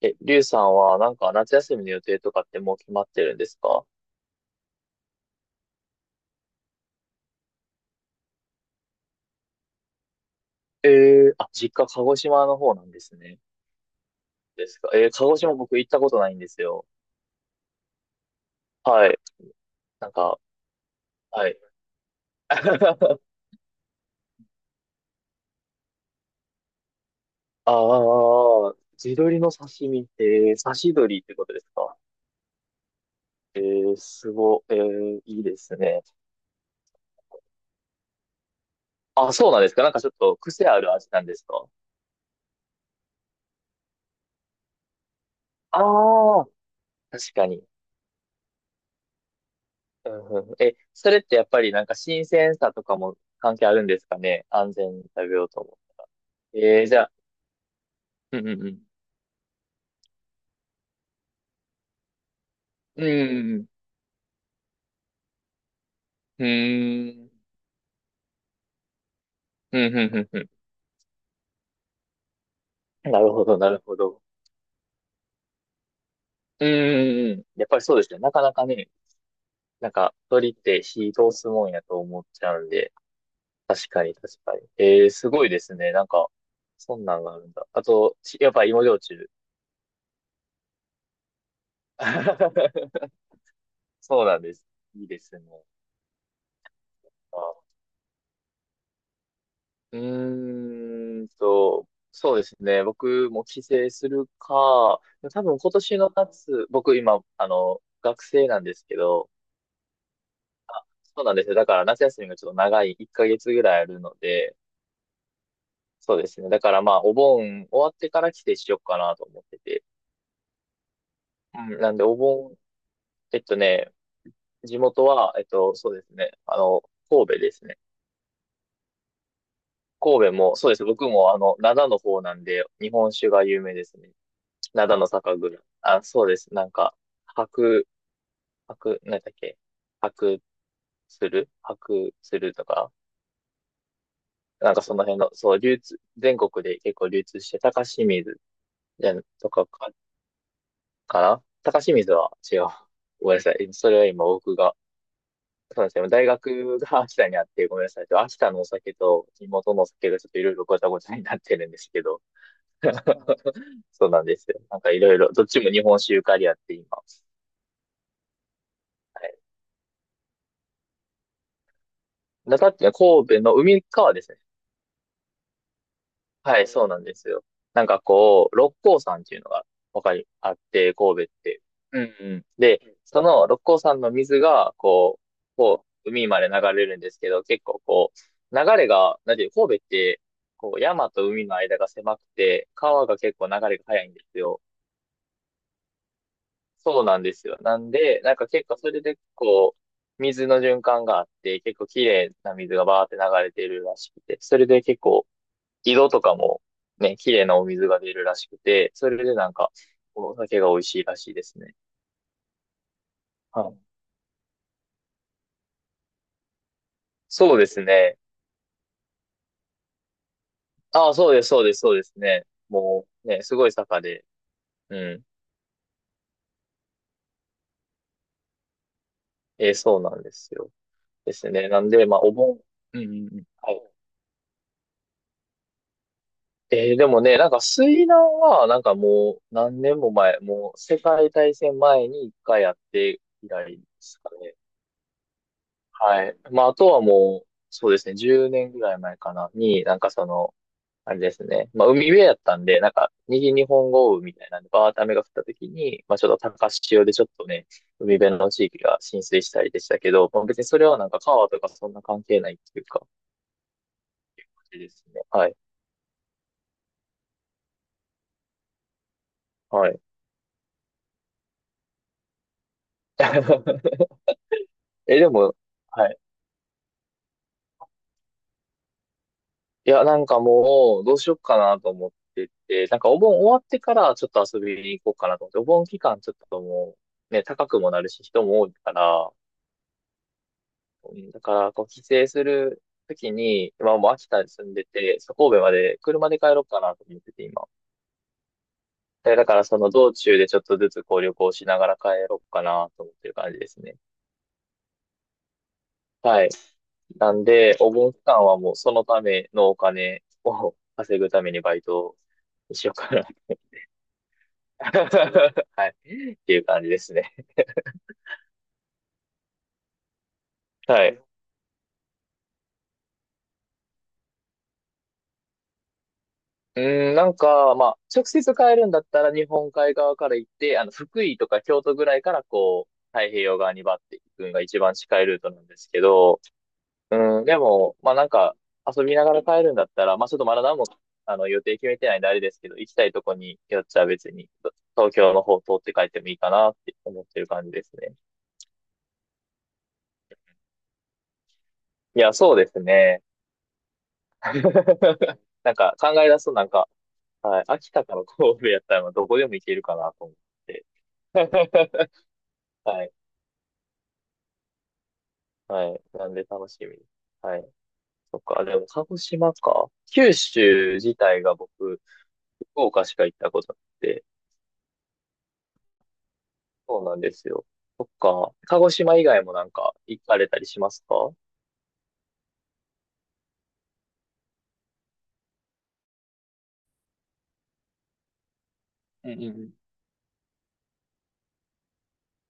りゅうさんはなんか夏休みの予定とかってもう決まってるんですか？あ、実家鹿児島の方なんですね。ですか。鹿児島僕行ったことないんですよ。はい。なんか、はい。ああ、地鶏の刺身って、刺し鶏ってことですか？えー、すご、えー、いいですね。あ、そうなんですか。なんかちょっと癖ある味なんですか？ああ、確かに。うんうんうん。それってやっぱりなんか新鮮さとかも関係あるんですかね。安全に食べようと。ええ。じゃあ、うんうんうん。うんうんうん。うーん。うんうんうんうん。なるほど、なるほど。うんうんうん。やっぱりそうですね。なかなかね、なんか、鳥って火通すもんやと思っちゃうんで。確かに、確かに。ええ、すごいですね。なんか、そんなんがあるんだ。あと、やっぱ芋焼酎。そうなんです。いいですね。うそうですね。僕も帰省するか、多分今年の夏、僕今、学生なんですけど、そうなんですよ。だから夏休みがちょっと長い、1ヶ月ぐらいあるので、そうですね。だからまあ、お盆終わってから帰省しようかなと思ってて。うん、なんでお盆、えっとね、地元は、そうですね。神戸ですね。神戸も、そうです。僕も灘の方なんで、日本酒が有名ですね。灘の酒蔵。あ、そうです。なんか、白、なんだっけ、白白鶴とか、なんかその辺の、そう、流通、全国で結構流通して、高清水じゃんとかかな。高清水は違う。ごめんなさい。それは今僕が、そうなんですよ。大学が秋田にあって、ごめんなさい。秋田のお酒と地元のお酒がちょっといろいろごちゃごちゃになってるんですけど。そうなんですよ。なんかいろいろ、どっちも日本酒ゆかりあって今。はい。中っていうのは神戸の海側ですね。はい、そうなんですよ。なんかこう、六甲山っていうのが、わかり、あって、神戸って。うんうん。で、その六甲山の水が、こう、海まで流れるんですけど、結構こう、流れが、なんていう、神戸って、こう、山と海の間が狭くて、川が結構流れが速いんですよ。そうなんですよ。なんで、なんか結構それで、こう、水の循環があって、結構綺麗な水がバーって流れてるらしくて、それで結構井戸とかもね、綺麗なお水が出るらしくて、それでなんか、お酒が美味しいらしいですね。はい。そうですね。ああ、そうです、そうです、そうですね。もうね、すごい坂で、うん。そうなんですよ。ですね。なんで、まあ、お盆、うんうんうん。はい。でもね、なんか水難は、なんかもう何年も前、もう世界大戦前に一回やって以来ですかね。はい。まあ、あとはもう、そうですね、10年ぐらい前かな、に、なんかその、あれですね、まあ、海辺やったんで、なんか、右日本豪雨みたいなんで、バーって雨が降った時に、まあ、ちょっと高潮でちょっとね、海辺の地域が浸水したりでしたけど、まあ、別にそれはなんか川とかそんな関係ないっていうか、あれですね。はい。はい。でも、はい。いや、なんかもう、どうしよっかなと思ってて、なんかお盆終わってからちょっと遊びに行こうかなと思って、お盆期間ちょっともう、ね、高くもなるし、人も多いから、うん。だから、こう、帰省するときに、今もう秋田に住んでて、そう神戸まで車で帰ろうかなと思ってて、今。で、だからその道中でちょっとずつこう旅行しながら帰ろうかなと思ってる感じですね。はい。なんで、お盆期間はもうそのためのお金を 稼ぐためにバイトにしようかな。はい。っていう感じですね。はい。うーん、なんか、まあ、直接帰るんだったら日本海側から行って、福井とか京都ぐらいからこう、太平洋側にバッて行くのが一番近いルートなんですけど、うん、でも、まあなんか、遊びながら帰るんだったら、まあちょっとまだ何も、予定決めてないんであれですけど、行きたいとこによっちゃ別に、東京の方通って帰ってもいいかなって思ってる感じですね。いや、そうですね。なんか考え出すとなんか、はい、秋田から神戸やったらどこでも行けるかなと思って。はい、はい、なんで楽しみです。はい。そっか、でも鹿児島か。九州自体が僕、福岡しか行ったことなくて、そうなんですよ。そっか、鹿児島以外もなんか行かれたりしますか？うんうんうん。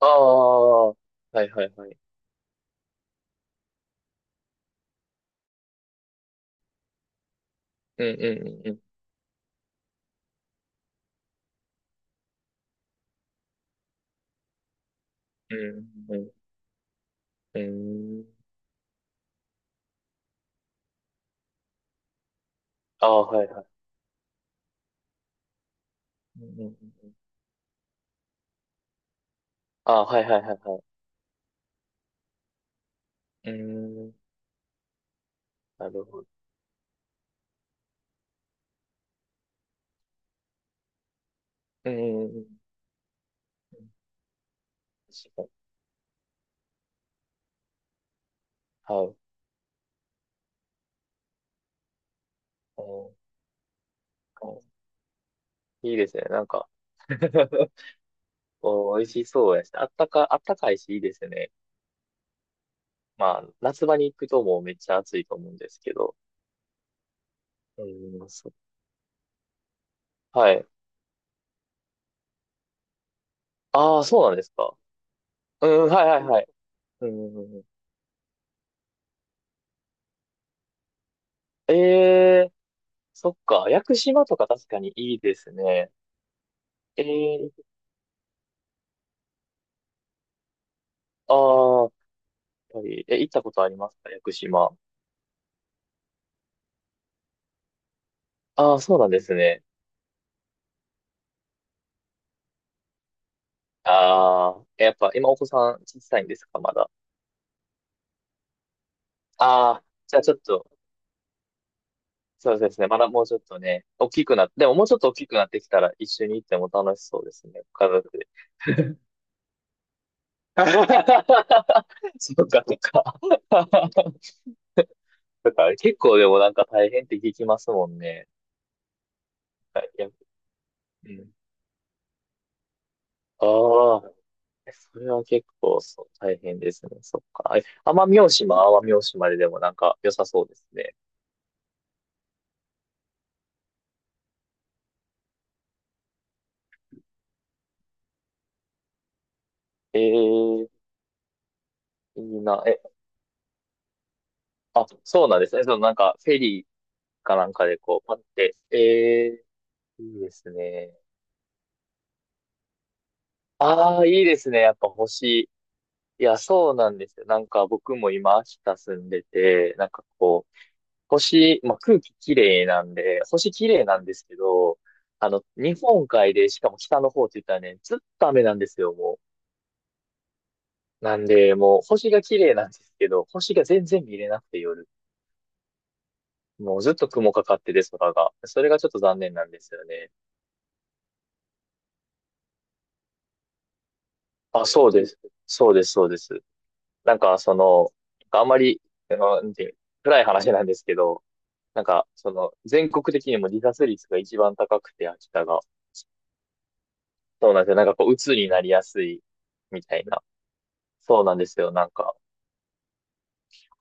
ああ、はいはいはい。うんうんうんうん。うんうんうん。うん。ああ、はいはい。うんうんうん。ああ、はいはいはいはい。うーん、なるほど。うーん、確かに。はい。うん。いいですね。なんか おー、美味しそうやし、あったかいし、いいですね。まあ、夏場に行くともうめっちゃ暑いと思うんですけど。うーん、そう。はい。ああ、そうなんですか。うん、はいはいはい。うん、ええー、そっか。屋久島とか確かにいいですね。ええー、ああ、やっぱり、行ったことありますか屋久島？ああ、そうなんですね。ああ、やっぱ今お子さん小さいんですか、まだ？ああ、じゃあちょっと、そうですね。まだもうちょっとね、大きくなって、でももうちょっと大きくなってきたら一緒に行っても楽しそうですね、家族で。そうか、そうか。だから結構でもなんか大変って聞きますもんね。はいや、うん。ああ、それは結構そう大変ですね。そっか。奄美大島ででもなんか良さそうですね。ええ、いいな。あ、そうなんですね。なんか、フェリーかなんかでこう、パって。いいですね。ああ、いいですね。やっぱ星。いや、そうなんですよ。なんか僕も今、秋田住んでて、なんかこう、星、まあ、空気綺麗なんで、星綺麗なんですけど、日本海で、しかも北の方って言ったらね、ずっと雨なんですよ、もう。なんで、もう星が綺麗なんですけど、星が全然見れなくて夜。もうずっと雲かかってて、空が。それがちょっと残念なんですよね。あ、そうです。そうです、そうです。なんか、あんまり、あのなんていう、暗い話なんですけど、なんか、全国的にも自殺率が一番高くて、秋田が。そうなんですよ。なんか、こう、鬱になりやすい、みたいな。そうなんですよ。なんか、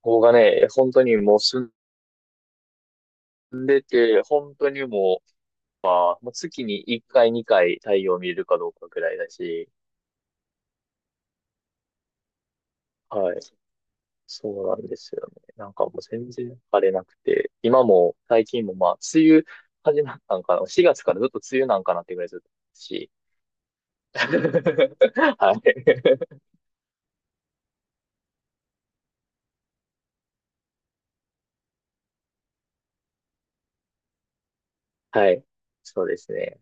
ここがね、本当にもう住んでて、本当にもう、あもう月に1回、2回太陽見れるかどうかぐらいだし、はい。そうなんですよね。なんかもう全然晴れなくて、今も最近もまあ、梅雨始まったんかな。4月からずっと梅雨なんかなってぐらいずっとし。はい。はい。そうですね。